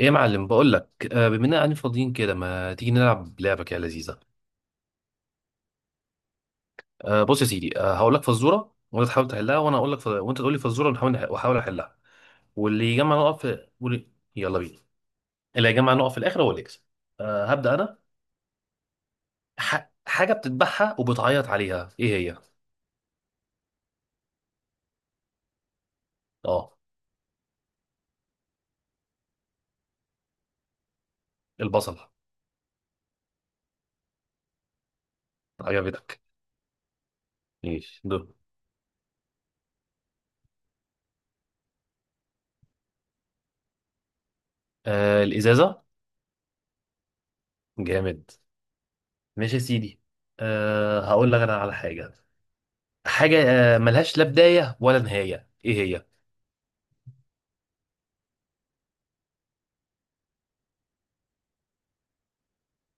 ايه يا معلم بقول لك بما اننا قاعدين فاضيين كده ما تيجي نلعب لعبه كده لذيذه. بص يا سيدي، هقول لك فزوره وانت تحاول تحلها وانا اقول لك وانت تقول لي فزوره، واحاول احلها. واللي يجمع نقط في واللي... يلا بينا. اللي هيجمع نقط في الاخر هو اللي يكسب. هبدا انا. حاجه بتذبحها وبتعيط عليها، ايه هي؟ اه. البصل. عجبتك؟ ماشي دول. الازازه. جامد. ماشي يا سيدي. هقول لك انا على حاجه. حاجه ملهاش لا بدايه ولا نهايه، ايه هي؟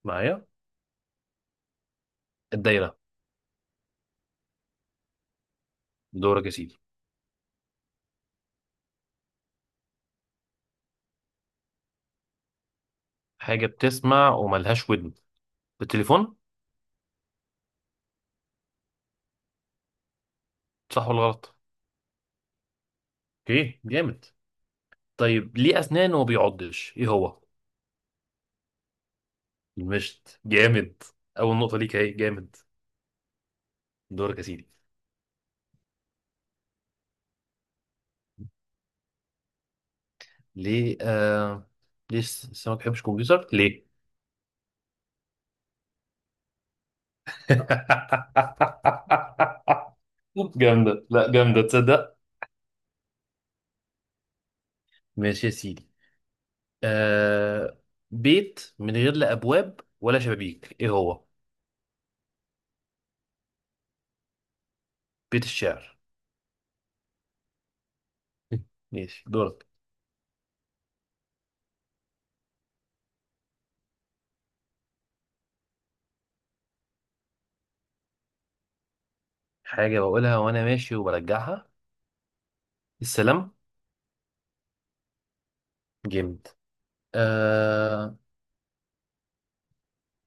معايا. الدايرة. دورك يا سيدي. حاجة بتسمع وملهاش ودن. بالتليفون. صح ولا غلط؟ اوكي، جامد. طيب، ليه أسنان وما بيعضش، ايه هو؟ المشط. جامد. أول نقطة ليك اهي. جامد. دورك يا سيدي. ليه ليه السمك ما بيحبش كمبيوتر، ليه؟ جامدة، لا جامدة، تصدق. ماشي يا سيدي. آه... بيت من غير لا أبواب ولا شبابيك، ايه هو؟ بيت الشعر. ماشي، دورك. حاجة بقولها وأنا ماشي وبرجعها. السلام. جامد. أه.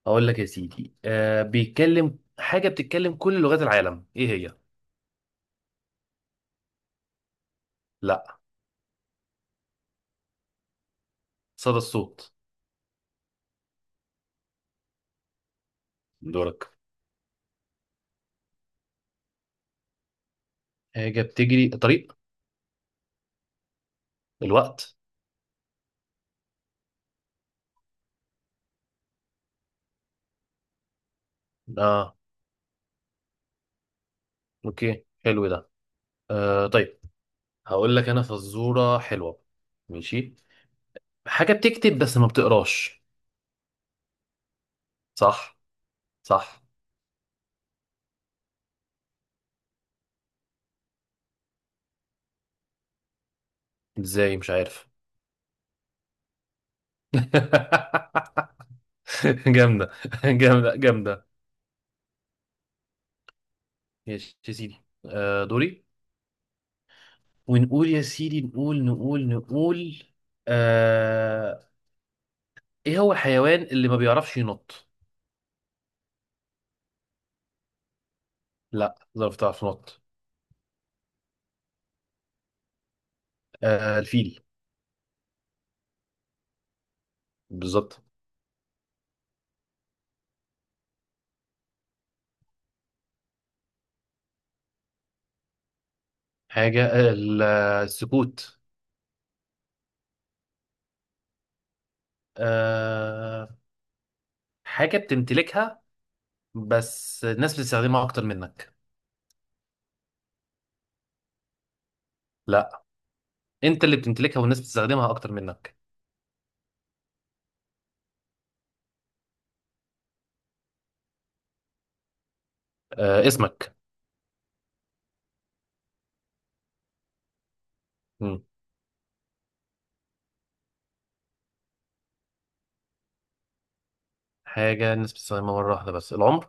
أقول لك يا سيدي، أه، بيتكلم، حاجة بتتكلم كل لغات العالم، إيه هي؟ لا. صدى الصوت. دورك. حاجة بتجري طريق. الوقت. آه. أوكي، حلو ده. أه طيب. هقول لك أنا فزورة حلوة. ماشي. حاجة بتكتب بس ما بتقراش. صح. صح. إزاي، مش عارف. جامدة، جامدة جامدة. ماشي يا سيدي. أه دوري. ونقول يا سيدي، نقول. آه... ايه هو الحيوان اللي ما بيعرفش ينط؟ لا، ظرف تعرف تنط. الفيل. بالظبط. حاجة السكوت. آه... حاجة بتمتلكها بس الناس بتستخدمها اكتر منك. لا. انت اللي بتمتلكها والناس بتستخدمها اكتر منك. اسمك. مم. حاجة الناس بتستخدمها مرة واحدة بس. العمر.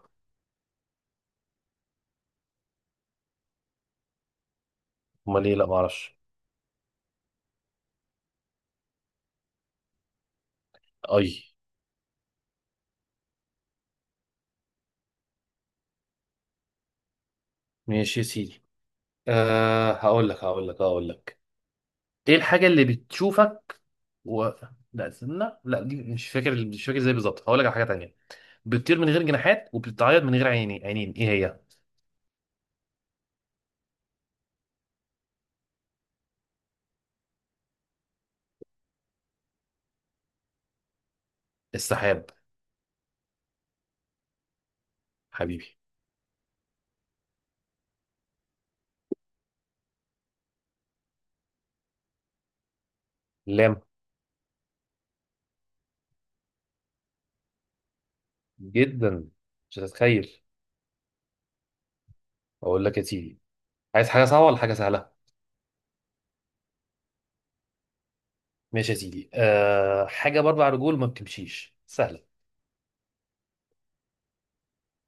امال ايه، لا ما اعرفش. اي. ماشي يا سيدي. أه، هقول لك. ايه الحاجة اللي بتشوفك و... لا استنى، لا دي مش فاكر، مش فاكر ازاي بالظبط، هقول لك على حاجة تانية. بتطير من غير جناحات وبتتعيط من غير عينين، ايه هي؟ السحاب. حبيبي. لام. جدا. مش هتتخيل. اقول لك يا سيدي، عايز حاجة صعبة ولا حاجة سهلة؟ ماشي يا سيدي، أه، حاجة بأربع رجول ما بتمشيش سهلة.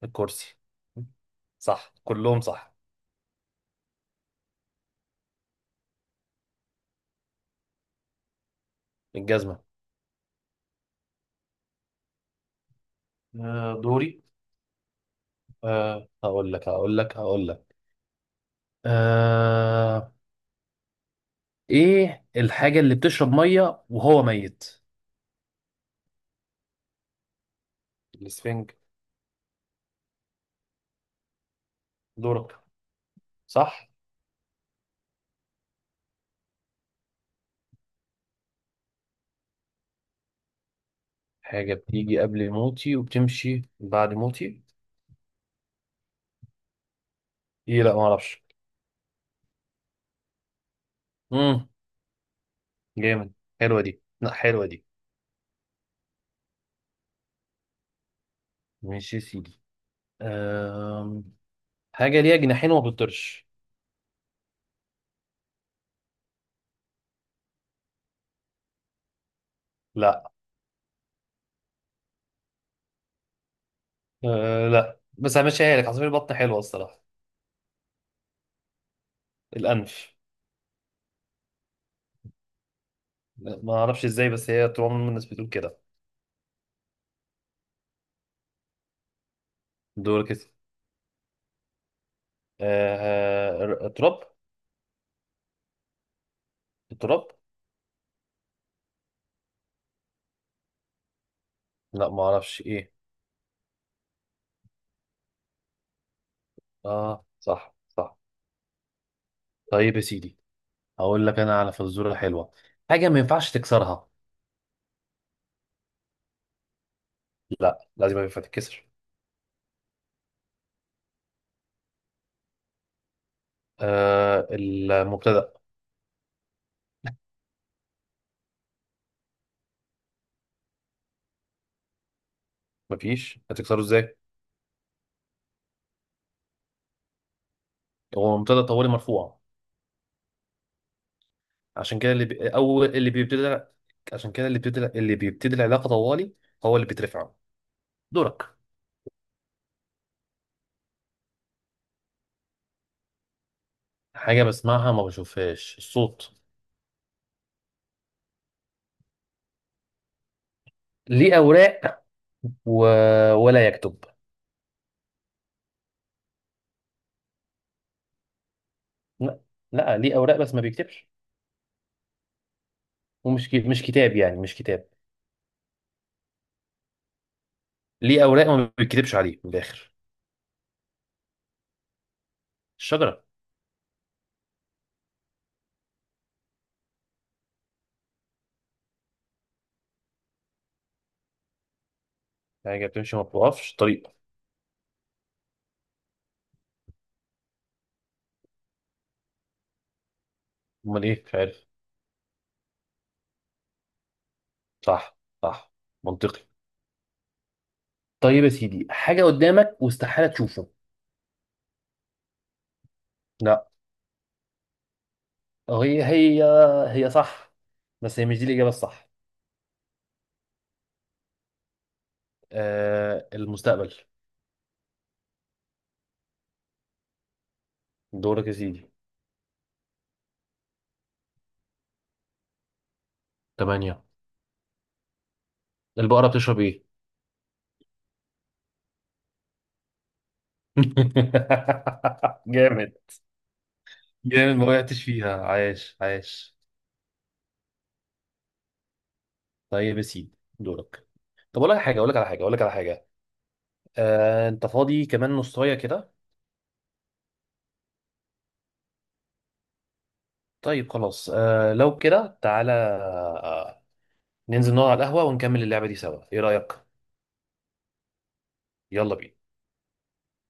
الكرسي. صح كلهم صح. الجزمة. أه دوري. أه، هقول لك. أه، ايه الحاجة اللي بتشرب مية وهو ميت؟ الاسفنج. دورك. صح. حاجة بتيجي قبل موتي وبتمشي بعد موتي. ايه، لا ما اعرفش. امم. جامد. حلوة دي، لا حلوة دي. ماشي يا سيدي. أم... حاجة ليها جناحين وما بتطيرش. لا. أه لا، بس همشيها لك، عصافير البطن حلوة الصراحة. الأنف. لا، ما اعرفش ازاي بس هي طول عمر الناس بتقول كده. دورك كده. تراب. تراب. لا ما اعرفش ايه. اه صح، صح. طيب يا سيدي، هقول لك انا على فزوره حلوه. حاجه ما ينفعش تكسرها. لا لازم ينفع تتكسر. آه، المبتدا. مفيش هتكسره ازاي، هو مبتدا طوالي مرفوع، عشان كده اول اللي بيبتدي، عشان كده اللي بيبتدي، اللي بيبتدي العلاقه طوالي هو اللي بيترفع. دورك. حاجه بسمعها ما بشوفهاش. الصوت. ليه اوراق و... ولا يكتب. لا. لا ليه اوراق بس ما بيكتبش، مش كتاب، يعني مش كتاب. ليه اوراق وما بيتكتبش عليه من الاخر. الشجره. حاجه بتمشي ما بتوقفش. طريقه. امال ايه، مش عارف. صح صح. منطقي. طيب يا سيدي، حاجه قدامك واستحاله تشوفه. لا. هي، هي هي صح، بس هي مش دي الاجابه الصح. آه، المستقبل. دورك يا سيدي. تمانية. البقره بتشرب ايه؟ جامد، جامد ما وقعتش فيها، عايش عايش. طيب يا سيدي، دورك. طب اقول لك حاجه، اقول لك على حاجه. انت فاضي كمان نصايه كده؟ طيب خلاص، لو كده تعالى، ننزل نقعد على القهوة ونكمل اللعبة دي سوا، ايه رأيك؟ يلا بينا.